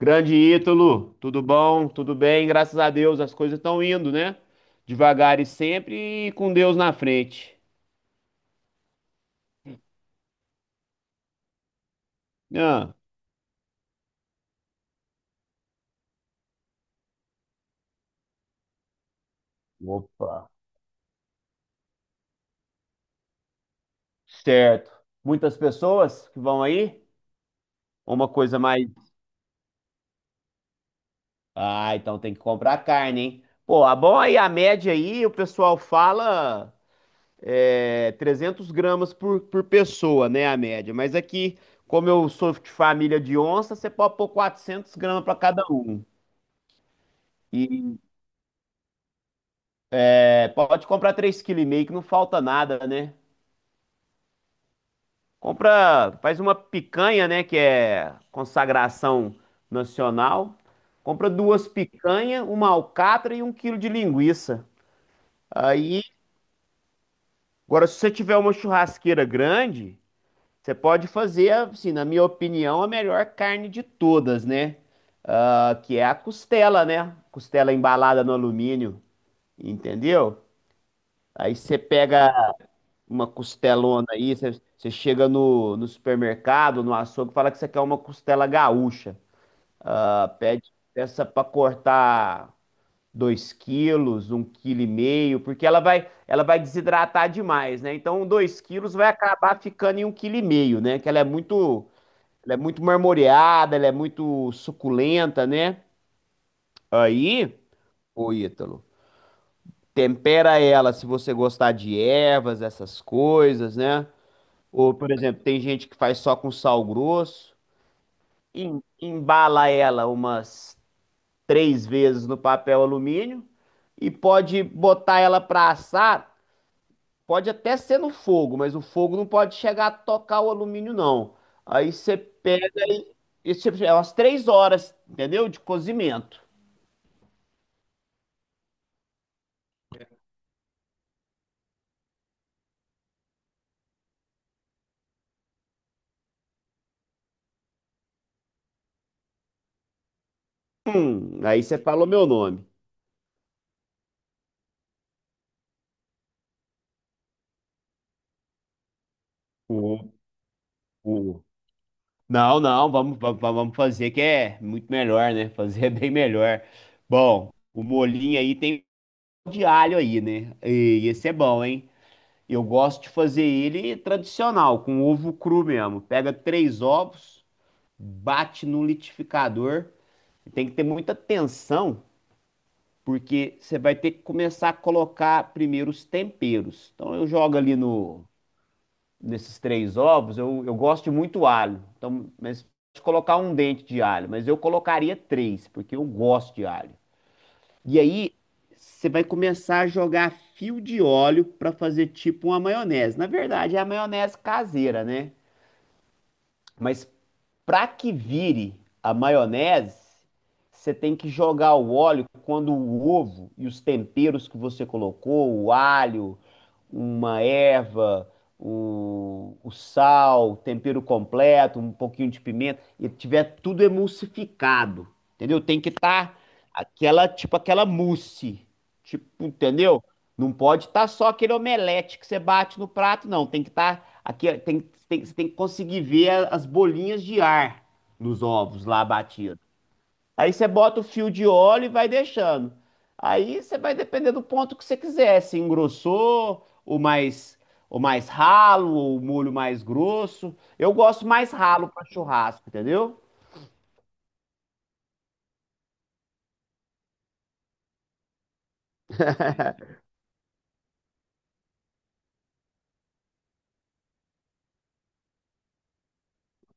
Grande Ítalo, tudo bom? Tudo bem? Graças a Deus, as coisas estão indo, né? Devagar e sempre e com Deus na frente. Ah, Opa. Certo. Muitas pessoas que vão aí? Ou uma coisa mais. Ah, então tem que comprar carne, hein? Pô, a bom aí, a média aí, o pessoal fala 300 gramas por pessoa, né? A média. Mas aqui, como eu sou de família de onça, você pode pôr 400 gramas para cada um. e É, pode comprar 3,5 kg que não falta nada, né? Compra, faz uma picanha, né, que é consagração nacional. Compra duas picanhas, uma alcatra e 1 kg de linguiça. Aí, agora, se você tiver uma churrasqueira grande, você pode fazer, assim, na minha opinião, a melhor carne de todas, né? Ah, que é a costela, né? Costela embalada no alumínio, entendeu? Aí você pega uma costelona aí, você chega no supermercado, no açougue, fala que você quer uma costela gaúcha. Ah, pede peça para cortar 2 kg, 1,5 kg, porque ela vai desidratar demais, né? Então 2 kg vai acabar ficando em 1,5 kg, né? Que ela é muito marmoreada, ela é muito suculenta, né? Aí, ô Ítalo, tempera ela se você gostar de ervas, essas coisas, né? Ou, por exemplo, tem gente que faz só com sal grosso, embala ela umas três vezes no papel alumínio e pode botar ela para assar. Pode até ser no fogo, mas o fogo não pode chegar a tocar o alumínio, não. Aí você pega e você, é umas 3 horas, entendeu? De cozimento. Aí você falou meu nome. O, não, não, vamos, vamos fazer que é muito melhor, né? Fazer é bem melhor. Bom, o molinho aí tem de alho aí, né? E esse é bom, hein? Eu gosto de fazer ele tradicional, com ovo cru mesmo. Pega três ovos, bate no liquidificador. Tem que ter muita atenção, porque você vai ter que começar a colocar primeiro os temperos. Então eu jogo ali no nesses três ovos, eu gosto de muito alho. Então, mas pode colocar um dente de alho, mas eu colocaria três, porque eu gosto de alho. E aí, você vai começar a jogar fio de óleo para fazer tipo uma maionese. Na verdade, é a maionese caseira, né? Mas para que vire a maionese, você tem que jogar o óleo quando o ovo e os temperos que você colocou, o alho, uma erva, o sal, o tempero completo, um pouquinho de pimenta, e tiver tudo emulsificado, entendeu? Tem que estar aquela, tipo aquela mousse, tipo, entendeu? Não pode estar só aquele omelete que você bate no prato, não. Tem que estar aqui, você tem que conseguir ver as bolinhas de ar nos ovos lá batidos. Aí você bota o fio de óleo e vai deixando. Aí você vai depender do ponto que você quiser, se engrossou, o mais ralo, ou o molho mais grosso. Eu gosto mais ralo para churrasco, entendeu?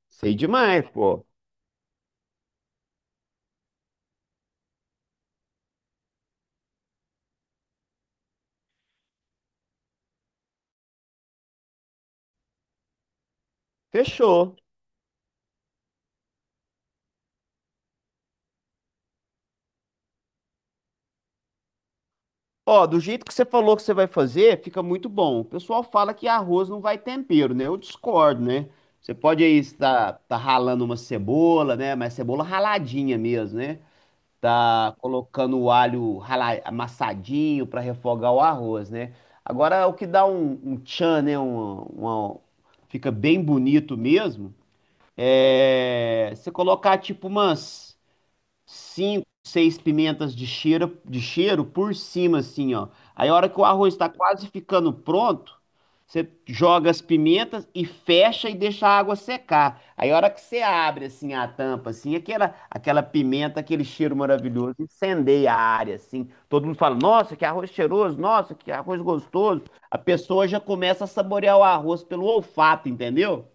Sei demais, pô. Fechou. Ó, do jeito que você falou que você vai fazer, fica muito bom. O pessoal fala que arroz não vai tempero, né? Eu discordo, né? Você pode aí estar tá ralando uma cebola, né? Mas cebola raladinha mesmo, né? Tá colocando o alho amassadinho para refogar o arroz, né? Agora, o que dá um tchan, né? Fica bem bonito mesmo. É você colocar tipo umas cinco, seis pimentas de cheiro por cima, assim, ó. Aí a hora que o arroz está quase ficando pronto, você joga as pimentas e fecha e deixa a água secar. Aí a hora que você abre, assim, a tampa, assim, aquela pimenta, aquele cheiro maravilhoso, incendeia a área, assim. Todo mundo fala, nossa, que arroz cheiroso, nossa, que arroz gostoso. A pessoa já começa a saborear o arroz pelo olfato, entendeu?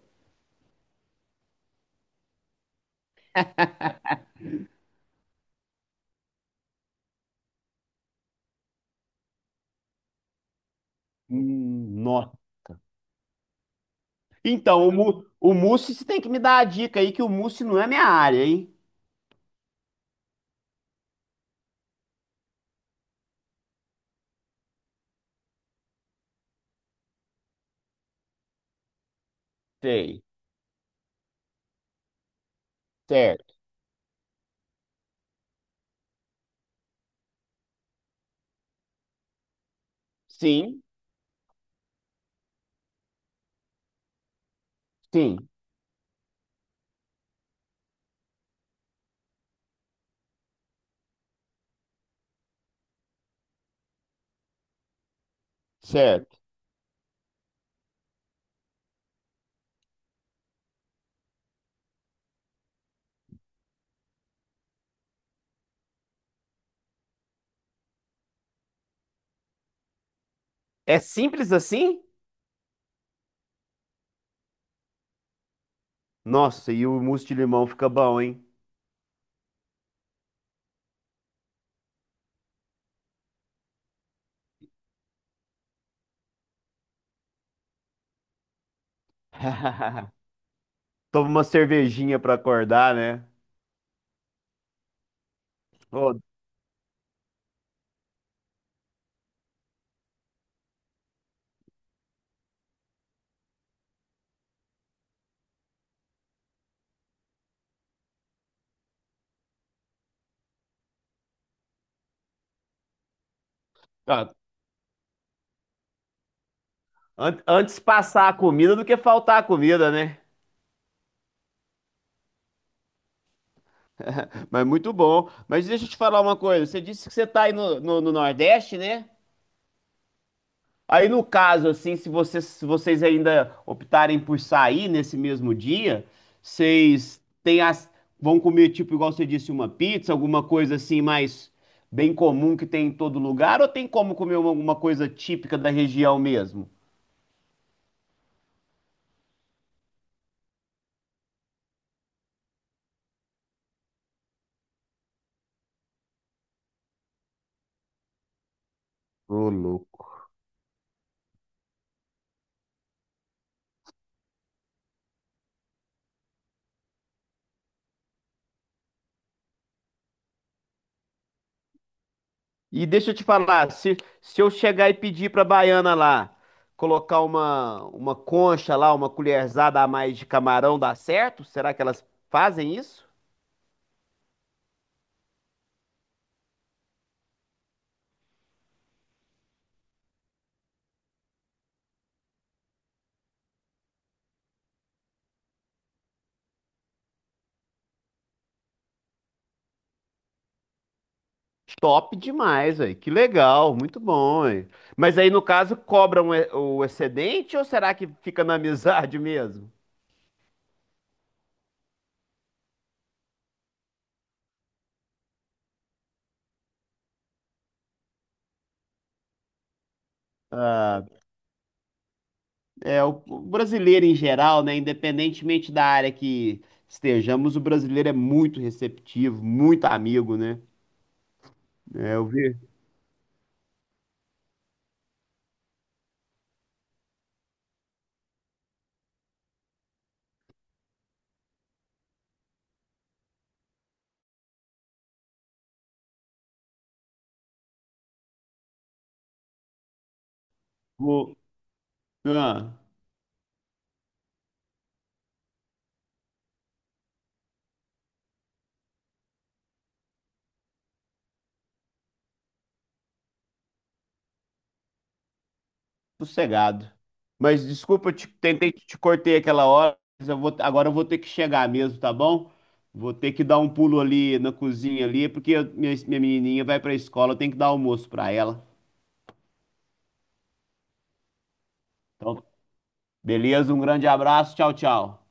Nossa. Então, o mousse, você tem que me dar a dica aí que o mousse não é minha área, hein? Sei. Certo. Sim, sim, certo. É simples assim? Nossa, e o mousse de limão fica bom, hein? Toma uma cervejinha pra acordar, né? Ô, ah, antes passar a comida do que faltar a comida, né? Mas muito bom. Mas deixa eu te falar uma coisa. Você disse que você tá aí no Nordeste, né? Aí no caso, assim, se vocês ainda optarem por sair nesse mesmo dia, vocês têm as, vão comer, tipo, igual você disse, uma pizza, alguma coisa assim mais bem comum que tem em todo lugar, ou tem como comer alguma coisa típica da região mesmo? Ô, louco. E deixa eu te falar, se eu chegar e pedir pra baiana lá, colocar uma concha lá, uma colherzada a mais de camarão, dá certo? Será que elas fazem isso? Top demais, aí, que legal, muito bom, hein? Mas aí, no caso, cobram o excedente ou será que fica na amizade mesmo? Ah, é, o brasileiro em geral, né? Independentemente da área que estejamos, o brasileiro é muito receptivo, muito amigo, né? É, eu vi. o- ah. Sossegado. Mas desculpa, tentei te cortei aquela hora, mas agora eu vou ter que chegar mesmo, tá bom? Vou ter que dar um pulo ali na cozinha ali, porque minha menininha vai pra escola, eu tenho que dar almoço pra ela. Então, beleza, um grande abraço, tchau, tchau.